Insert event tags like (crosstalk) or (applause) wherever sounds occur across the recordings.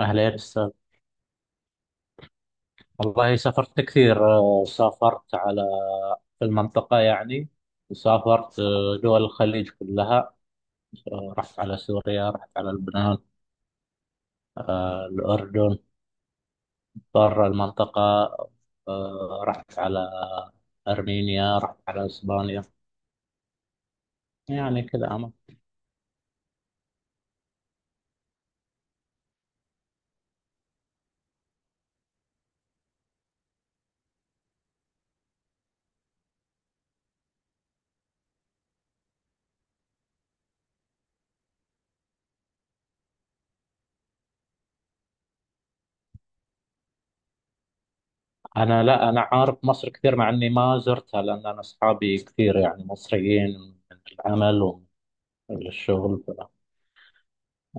أهلا يا أستاذ. والله سافرت كثير. سافرت على، في المنطقة يعني. سافرت دول الخليج كلها. رحت على سوريا، رحت على لبنان، الأردن. برا المنطقة، رحت على أرمينيا، رحت على إسبانيا. يعني كذا أنا. لا، أنا عارف مصر كثير، مع إني ما زرتها، لأن أنا أصحابي كثير يعني مصريين، من العمل ومن الشغل.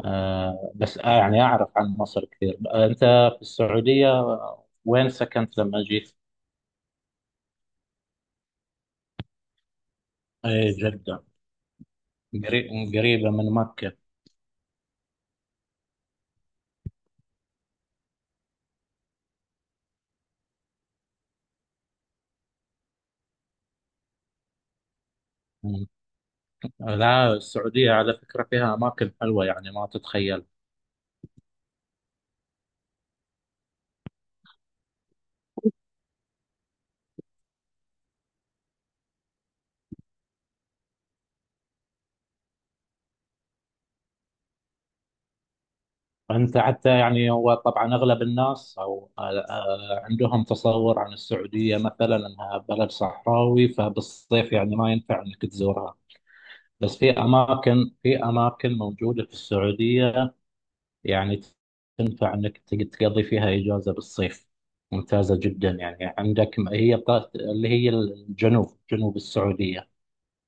بس يعني أعرف عن مصر كثير. أنت في السعودية، وين سكنت لما جيت؟ إيه، جدة. قري- قريبة من مكة. مم. لا، السعودية على فكرة فيها أماكن حلوة يعني ما تتخيل. أنت حتى يعني، هو طبعا أغلب الناس أو آه، آه، عندهم تصور عن السعودية مثلا أنها بلد صحراوي، فبالصيف يعني ما ينفع أنك تزورها. بس في أماكن، في أماكن موجودة في السعودية يعني تنفع انك تقضي فيها اجازه بالصيف. ممتازه جدا يعني. عندك اللي هي الجنوب، جنوب السعوديه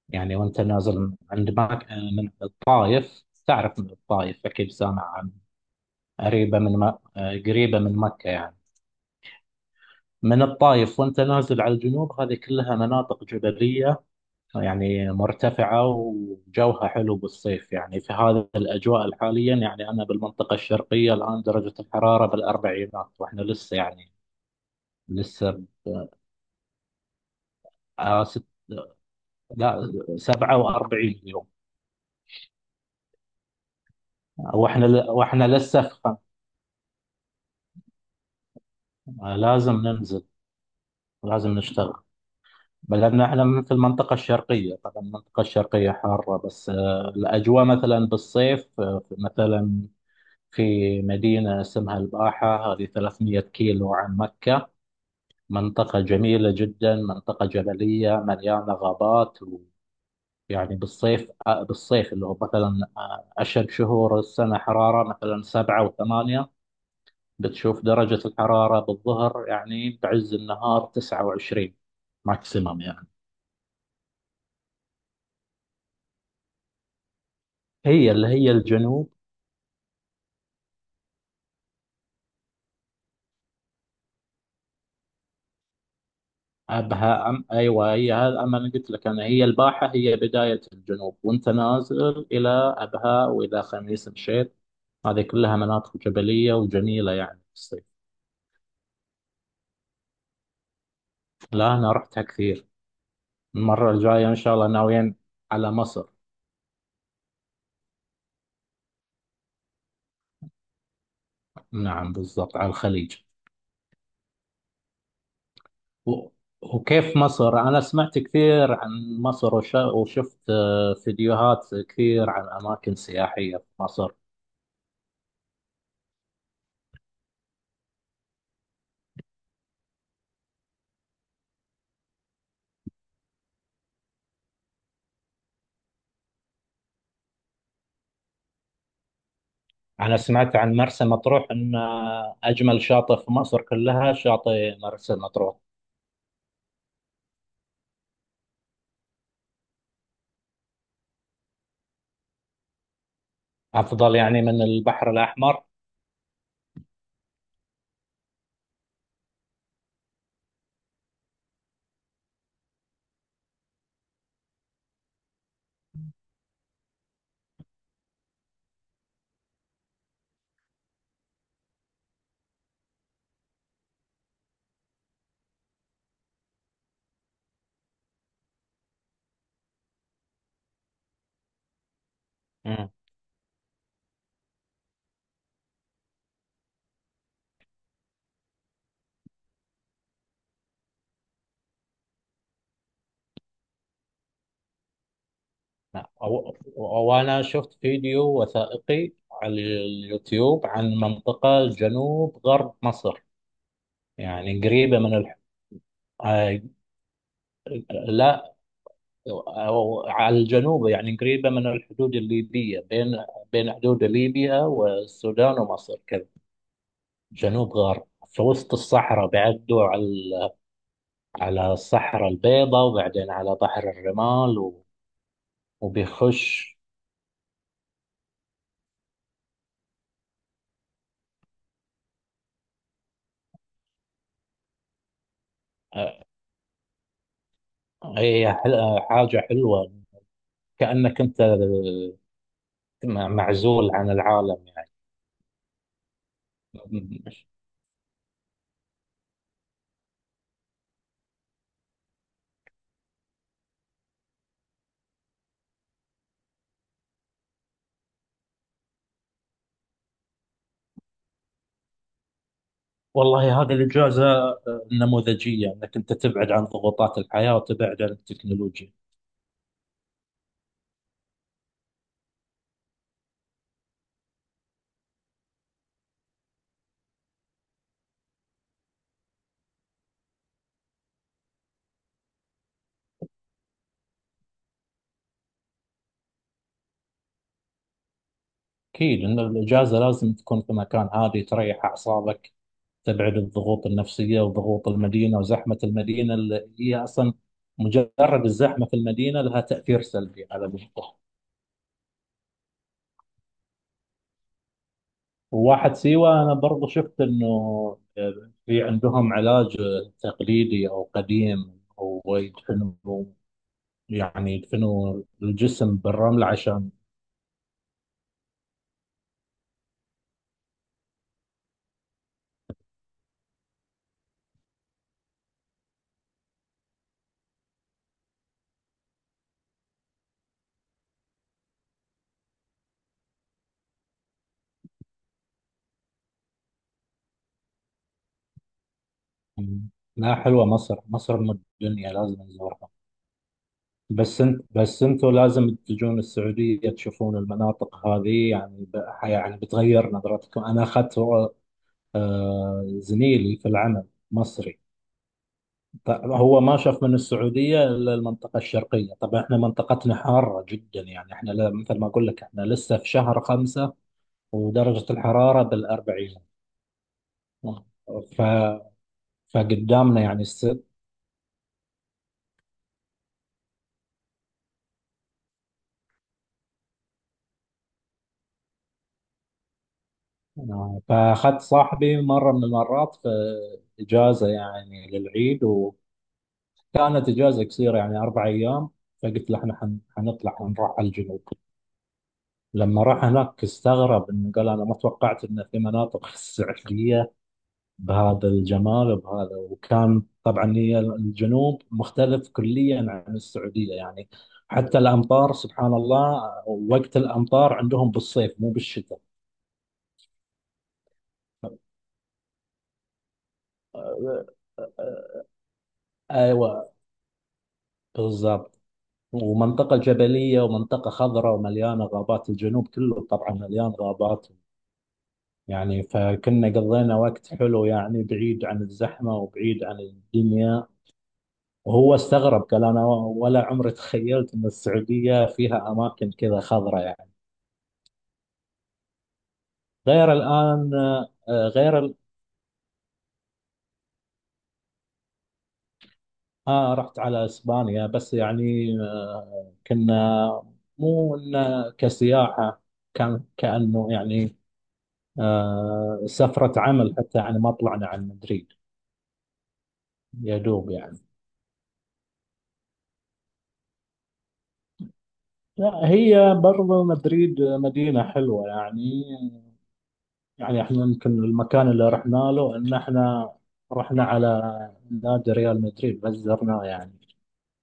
يعني. وانت نازل عند ماك من الطايف، تعرف من الطايف اكيد سامع عن، قريبه من م... قريبه من مكه يعني. من الطايف وانت نازل على الجنوب، هذه كلها مناطق جبليه يعني، مرتفعة وجوها حلو بالصيف. يعني في هذه الأجواء حاليا، يعني أنا بالمنطقة الشرقية الآن درجة الحرارة بالأربعينات، وإحنا لسه يعني لسه ب- آه ست لا 47 اليوم. وإحنا لسه في لازم ننزل، لازم نشتغل. لأن إحنا في المنطقة الشرقية. طبعا المنطقة الشرقية حارة، بس الأجواء مثلا بالصيف مثلا في مدينة اسمها الباحة، هذه 300 كيلو عن مكة. منطقة جميلة جدا، منطقة جبلية مليانة غابات. ويعني بالصيف، بالصيف اللي هو مثلا أشهر شهور السنة حرارة، مثلا 7 و8، بتشوف درجة الحرارة بالظهر يعني بعز النهار 29. ماكسيمم يعني. هي اللي هي الجنوب. أبها، أم أيوة هي هذا. أما أنا قلت لك، أنا هي الباحة، هي بداية الجنوب، وأنت نازل إلى أبها وإلى خميس مشيط. هذه كلها مناطق جبلية وجميلة يعني في الصيف. لا، أنا رحتها كثير. المرة الجاية إن شاء الله ناويين على مصر. نعم بالضبط، على الخليج. و... وكيف مصر؟ أنا سمعت كثير عن مصر، وشفت فيديوهات كثير عن أماكن سياحية في مصر. أنا سمعت عن مرسى مطروح أن أجمل شاطئ في مصر كلها شاطئ مرسى مطروح. أفضل يعني من البحر الأحمر. مم. نعم. وأنا شفت فيديو وثائقي على اليوتيوب عن منطقة جنوب غرب مصر، يعني قريبة من الح... آه، لا، أو على الجنوب يعني قريبة من الحدود الليبية، بين حدود ليبيا والسودان ومصر كذا. جنوب غرب في وسط الصحراء، بيعدوا على الصحراء البيضاء وبعدين على بحر الرمال و... وبيخش آه، هي حاجة حلوة، كأنك أنت معزول عن العالم يعني. والله هذه الإجازة نموذجية، أنك أنت تبعد عن ضغوطات الحياة وتبعد عن التكنولوجيا. أكيد أن الإجازة لازم تكون في مكان هادي تريح أعصابك، تبعد الضغوط النفسية وضغوط المدينة وزحمة المدينة، اللي هي أصلا مجرد الزحمة في المدينة لها تأثير سلبي على المخ. وواحد سيوة، أنا برضو شفت أنه في عندهم علاج تقليدي أو قديم، هو يدفنوا يعني يدفنوا الجسم بالرمل عشان، لا حلوة مصر، مصر أم الدنيا، لازم نزورها. بس انت بس انتوا لازم تجون السعودية تشوفون المناطق هذه، يعني يعني بتغير نظرتكم. أنا أخذت زميلي في العمل، مصري. هو ما شاف من السعودية إلا المنطقة الشرقية. طبعا احنا منطقتنا حارة جدا، يعني احنا مثل ما أقول لك احنا لسه في شهر خمسة، ودرجة الحرارة بالأربعين، فقدامنا يعني السبت. فأخذت صاحبي مرة من المرات في إجازة يعني للعيد، وكانت إجازة قصيرة يعني 4 أيام. فقلت له إحنا حنطلع حنروح على الجنوب. لما راح هناك استغرب، إنه قال أنا ما توقعت إن في مناطق (laughs) ساحلية بهذا الجمال وبهذا. وكان طبعا هي الجنوب مختلف كليا عن السعودية يعني. حتى الأمطار سبحان الله، وقت الأمطار عندهم بالصيف مو بالشتاء. أيوة. بالضبط. ومنطقة جبلية ومنطقة خضراء ومليانة غابات، الجنوب كله طبعا مليان غابات يعني. فكنا قضينا وقت حلو يعني، بعيد عن الزحمة وبعيد عن الدنيا. وهو استغرب قال أنا ولا عمري تخيلت أن السعودية فيها أماكن كذا خضراء يعني. غير الآن. آه رحت على إسبانيا، بس يعني كنا مو إنه كسياحة، كان كأنه يعني سفرة عمل حتى، يعني ما طلعنا عن مدريد. يا دوب يعني. لا هي برضو مدريد مدينة حلوة يعني. يعني احنا يمكن المكان اللي رحنا له، ان احنا رحنا على نادي ريال مدريد بس زرناه يعني،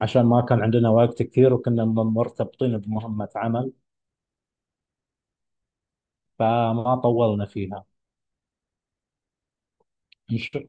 عشان ما كان عندنا وقت كثير وكنا مرتبطين بمهمة عمل، فما طولنا فيها. إن شاء-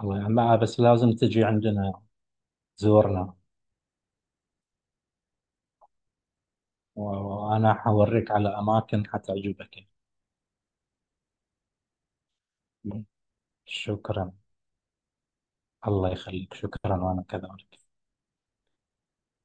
الله يعني، لا بس لازم تجي عندنا تزورنا، وأنا حوريك على أماكن حتعجبك. يعني. شكرا. الله يخليك، شكرا وأنا كذلك.